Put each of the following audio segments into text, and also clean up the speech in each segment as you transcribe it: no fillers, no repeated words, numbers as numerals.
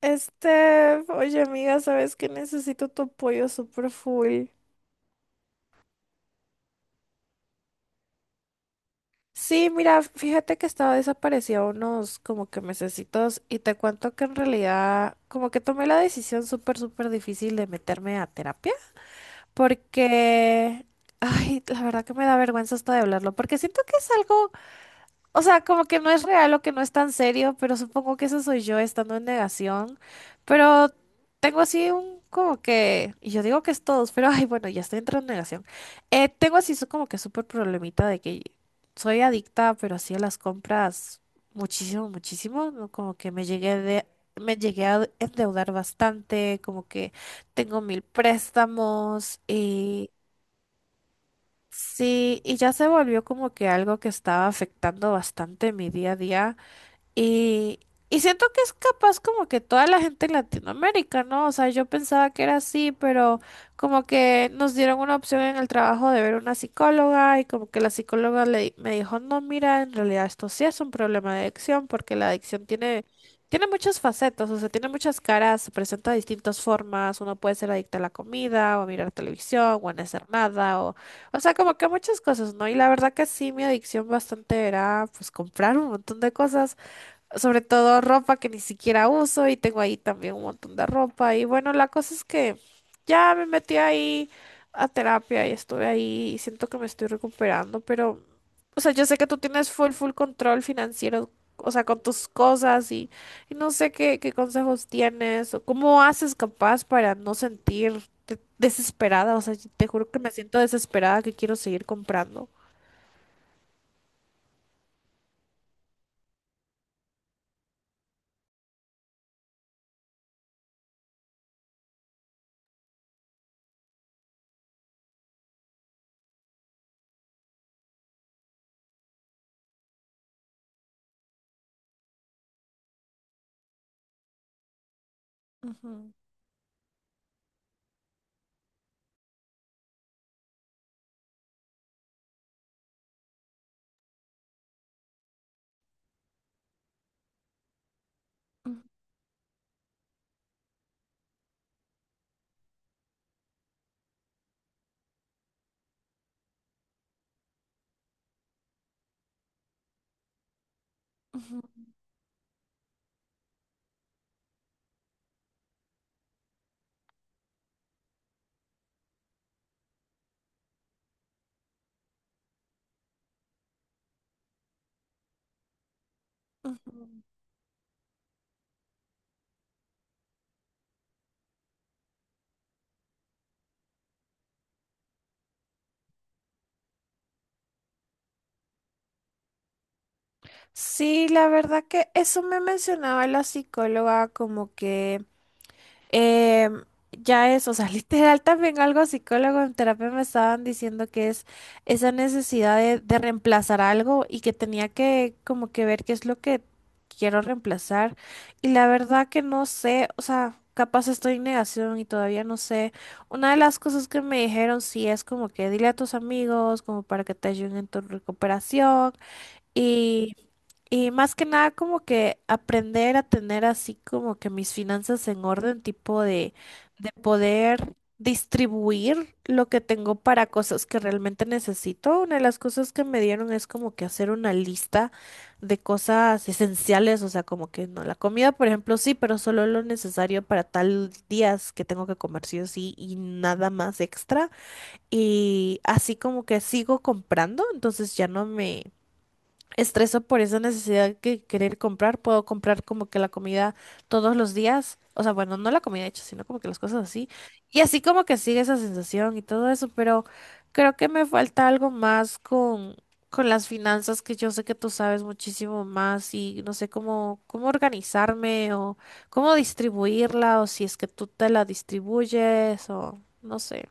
Oye amiga, sabes que necesito tu apoyo super full. Sí, mira, fíjate que estaba desaparecida unos como que mesecitos y te cuento que en realidad como que tomé la decisión súper súper difícil de meterme a terapia porque, ay, la verdad que me da vergüenza hasta de hablarlo porque siento que es algo. O sea, como que no es real o que no es tan serio, pero supongo que eso soy yo estando en negación. Pero tengo así un como que, y yo digo que es todos, pero ay, bueno, ya estoy entrando en negación. Tengo así como que súper problemita de que soy adicta, pero así a las compras muchísimo, muchísimo. ¿No? Como que me llegué de, me llegué a endeudar bastante, como que tengo mil préstamos y... Sí, y ya se volvió como que algo que estaba afectando bastante mi día a día. Y, y siento que es capaz como que toda la gente en Latinoamérica, ¿no? O sea, yo pensaba que era así, pero como que nos dieron una opción en el trabajo de ver una psicóloga y como que la psicóloga le, me dijo, no, mira, en realidad esto sí es un problema de adicción porque la adicción tiene, tiene muchas facetas, o sea, tiene muchas caras, se presenta de distintas formas, uno puede ser adicto a la comida o a mirar televisión o a no hacer nada o... O sea, como que muchas cosas, ¿no? Y la verdad que sí, mi adicción bastante era pues comprar un montón de cosas, sobre todo ropa que ni siquiera uso y tengo ahí también un montón de ropa. Y bueno, la cosa es que ya me metí ahí a terapia y estuve ahí y siento que me estoy recuperando, pero, o sea, yo sé que tú tienes full, full control financiero, o sea, con tus cosas y no sé qué, qué consejos tienes o cómo haces capaz para no sentirte desesperada, o sea, te juro que me siento desesperada que quiero seguir comprando. Ujú, ujú, ujú, ujú. Sí, la verdad que eso me mencionaba la psicóloga, como que em, ya es, o sea, literal también algo psicólogo en terapia me estaban diciendo que es esa necesidad de reemplazar algo y que tenía que como que ver qué es lo que quiero reemplazar. Y la verdad que no sé, o sea, capaz estoy en negación y todavía no sé. Una de las cosas que me dijeron sí es como que dile a tus amigos como para que te ayuden en tu recuperación y, y más que nada como que aprender a tener así como que mis finanzas en orden, tipo de poder distribuir lo que tengo para cosas que realmente necesito. Una de las cosas que me dieron es como que hacer una lista de cosas esenciales, o sea, como que no, la comida, por ejemplo, sí, pero solo lo necesario para tal días que tengo que comer sí o sí y nada más extra. Y así como que sigo comprando, entonces ya no me estreso por esa necesidad que querer comprar. Puedo comprar como que la comida todos los días. O sea, bueno, no la comida hecha, sino como que las cosas así. Y así como que sigue esa sensación y todo eso, pero creo que me falta algo más con las finanzas, que yo sé que tú sabes muchísimo más y no sé cómo, cómo organizarme o cómo distribuirla o si es que tú te la distribuyes o no sé.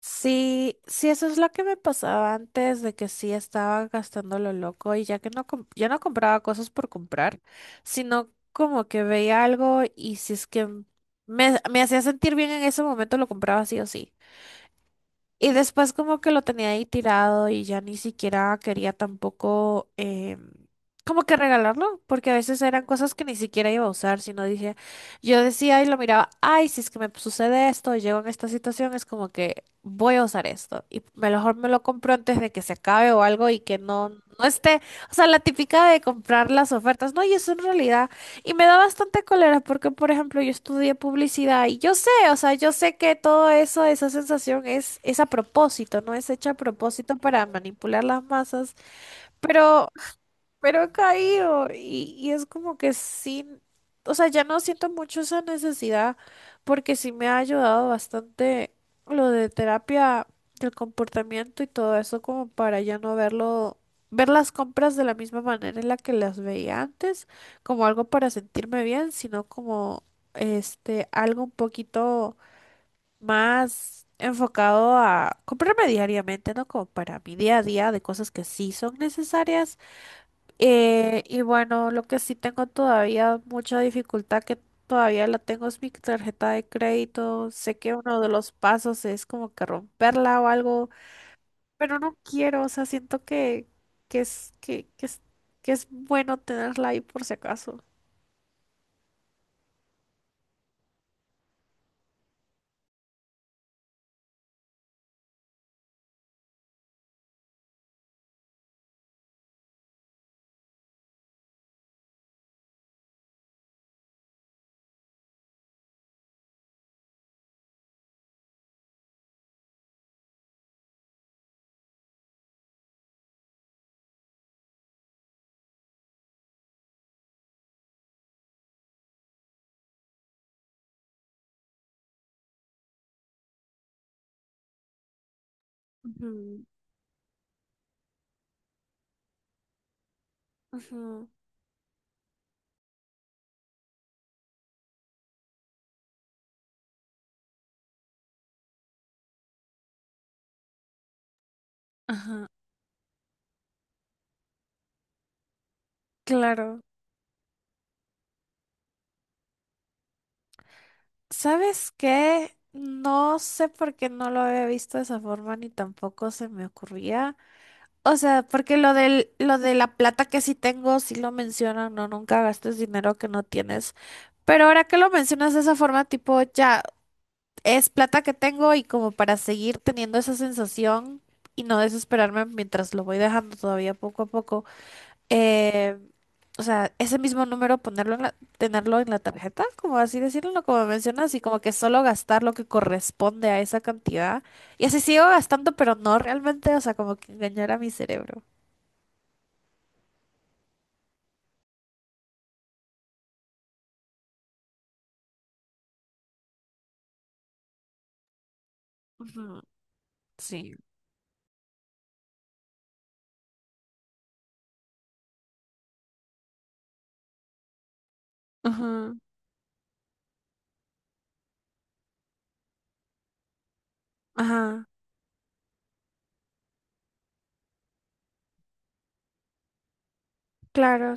Sí, sí, eso es lo que me pasaba antes de que sí estaba gastando lo loco y ya que no, ya no compraba cosas por comprar, sino como que veía algo y si es que me hacía sentir bien en ese momento lo compraba sí o sí. Y después como que lo tenía ahí tirado y ya ni siquiera quería tampoco em, como que regalarlo, porque a veces eran cosas que ni siquiera iba a usar, sino dije, yo decía y lo miraba, ay, si es que me sucede esto, llego en esta situación, es como que voy a usar esto. Y mejor me lo compro antes de que se acabe o algo y que no, no esté, o sea, la típica de comprar las ofertas, no, y eso en realidad... Y me da bastante cólera porque, por ejemplo, yo estudié publicidad y yo sé, o sea, yo sé que todo eso, esa sensación es a propósito, no es hecha a propósito para manipular las masas, pero pero he caído y es como que sí, o sea, ya no siento mucho esa necesidad porque sí me ha ayudado bastante lo de terapia del comportamiento y todo eso como para ya no verlo, ver las compras de la misma manera en la que las veía antes, como algo para sentirme bien, sino como este algo un poquito más enfocado a comprarme diariamente, ¿no? Como para mi día a día de cosas que sí son necesarias. Y bueno, lo que sí tengo todavía mucha dificultad que todavía la tengo es mi tarjeta de crédito. Sé que uno de los pasos es como que romperla o algo, pero no quiero, o sea, siento que es, que, que es, que es bueno tenerla ahí por si acaso. Ujú, ujú, ajá, claro. ¿Sabes qué? No sé por qué no lo había visto de esa forma ni tampoco se me ocurría. O sea, porque lo del, lo de la plata que sí tengo, sí lo mencionan, no, nunca gastes dinero que no tienes. Pero ahora que lo mencionas de esa forma, tipo, ya es plata que tengo y como para seguir teniendo esa sensación y no desesperarme mientras lo voy dejando todavía poco a poco. eh, o sea, ese mismo número ponerlo en la, tenerlo en la tarjeta, como así decirlo, como mencionas, y como que solo gastar lo que corresponde a esa cantidad. Y así sigo gastando, pero no realmente, o sea, como que engañar a mi cerebro. Ujú, sí. Ajá, ajá, claro.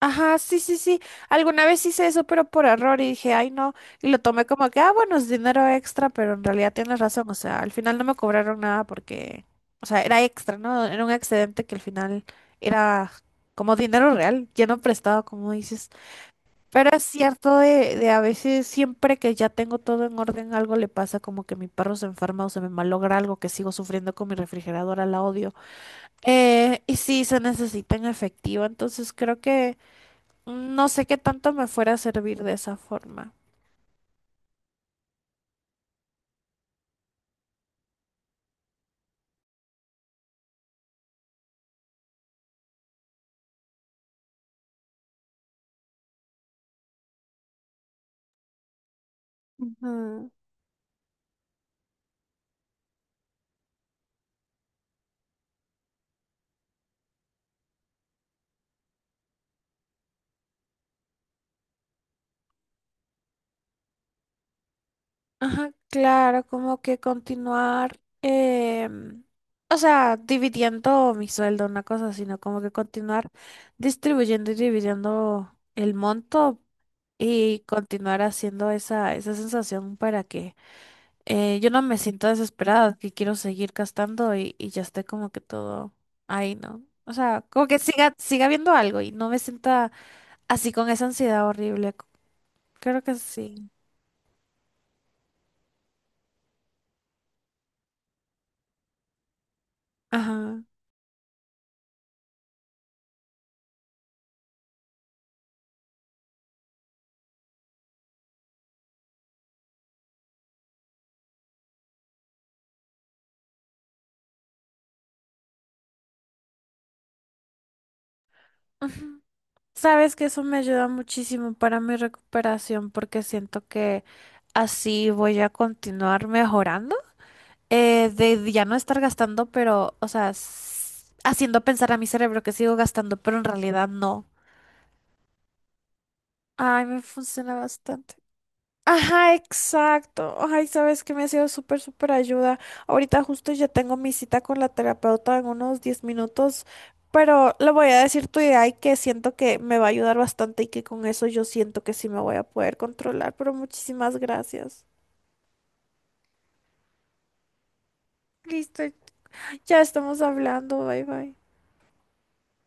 Ajá, sí, sí, sí. Alguna vez hice eso, pero por error y dije, ay, no. Y lo tomé como que, ah, bueno, es dinero extra, pero en realidad tienes razón. O sea, al final no me cobraron nada porque, o sea, era extra, ¿no? Era un excedente que al final era como dinero real, ya no prestado, como dices. Pero es cierto de a veces, siempre que ya tengo todo en orden, algo le pasa, como que mi perro se enferma o se me malogra algo que sigo sufriendo con mi refrigeradora, la odio. Y sí, se necesita en efectivo, entonces creo que no sé qué tanto me fuera a servir de esa forma. Ujú. Ajá, claro, como que continuar, o sea, dividiendo mi sueldo, una cosa, sino como que continuar distribuyendo y dividiendo el monto y continuar haciendo esa, esa sensación para que yo no me siento desesperada, que quiero seguir gastando y ya esté como que todo ahí, ¿no? O sea, como que siga, siga viendo algo y no me sienta así con esa ansiedad horrible. Creo que sí. Ajá. Ujú. Sabes que eso me ayuda muchísimo para mi recuperación porque siento que así voy a continuar mejorando. De ya no estar gastando, pero, o sea, haciendo pensar a mi cerebro que sigo gastando, pero en realidad no. Ay, me funciona bastante. Ajá, exacto. Ay, sabes que me ha sido súper, súper ayuda. Ahorita justo ya tengo mi cita con la terapeuta en unos 10 minutos, pero le voy a decir tu idea y que siento que me va a ayudar bastante y que con eso yo siento que sí me voy a poder controlar, pero muchísimas gracias. Listo, ya estamos hablando, bye bye.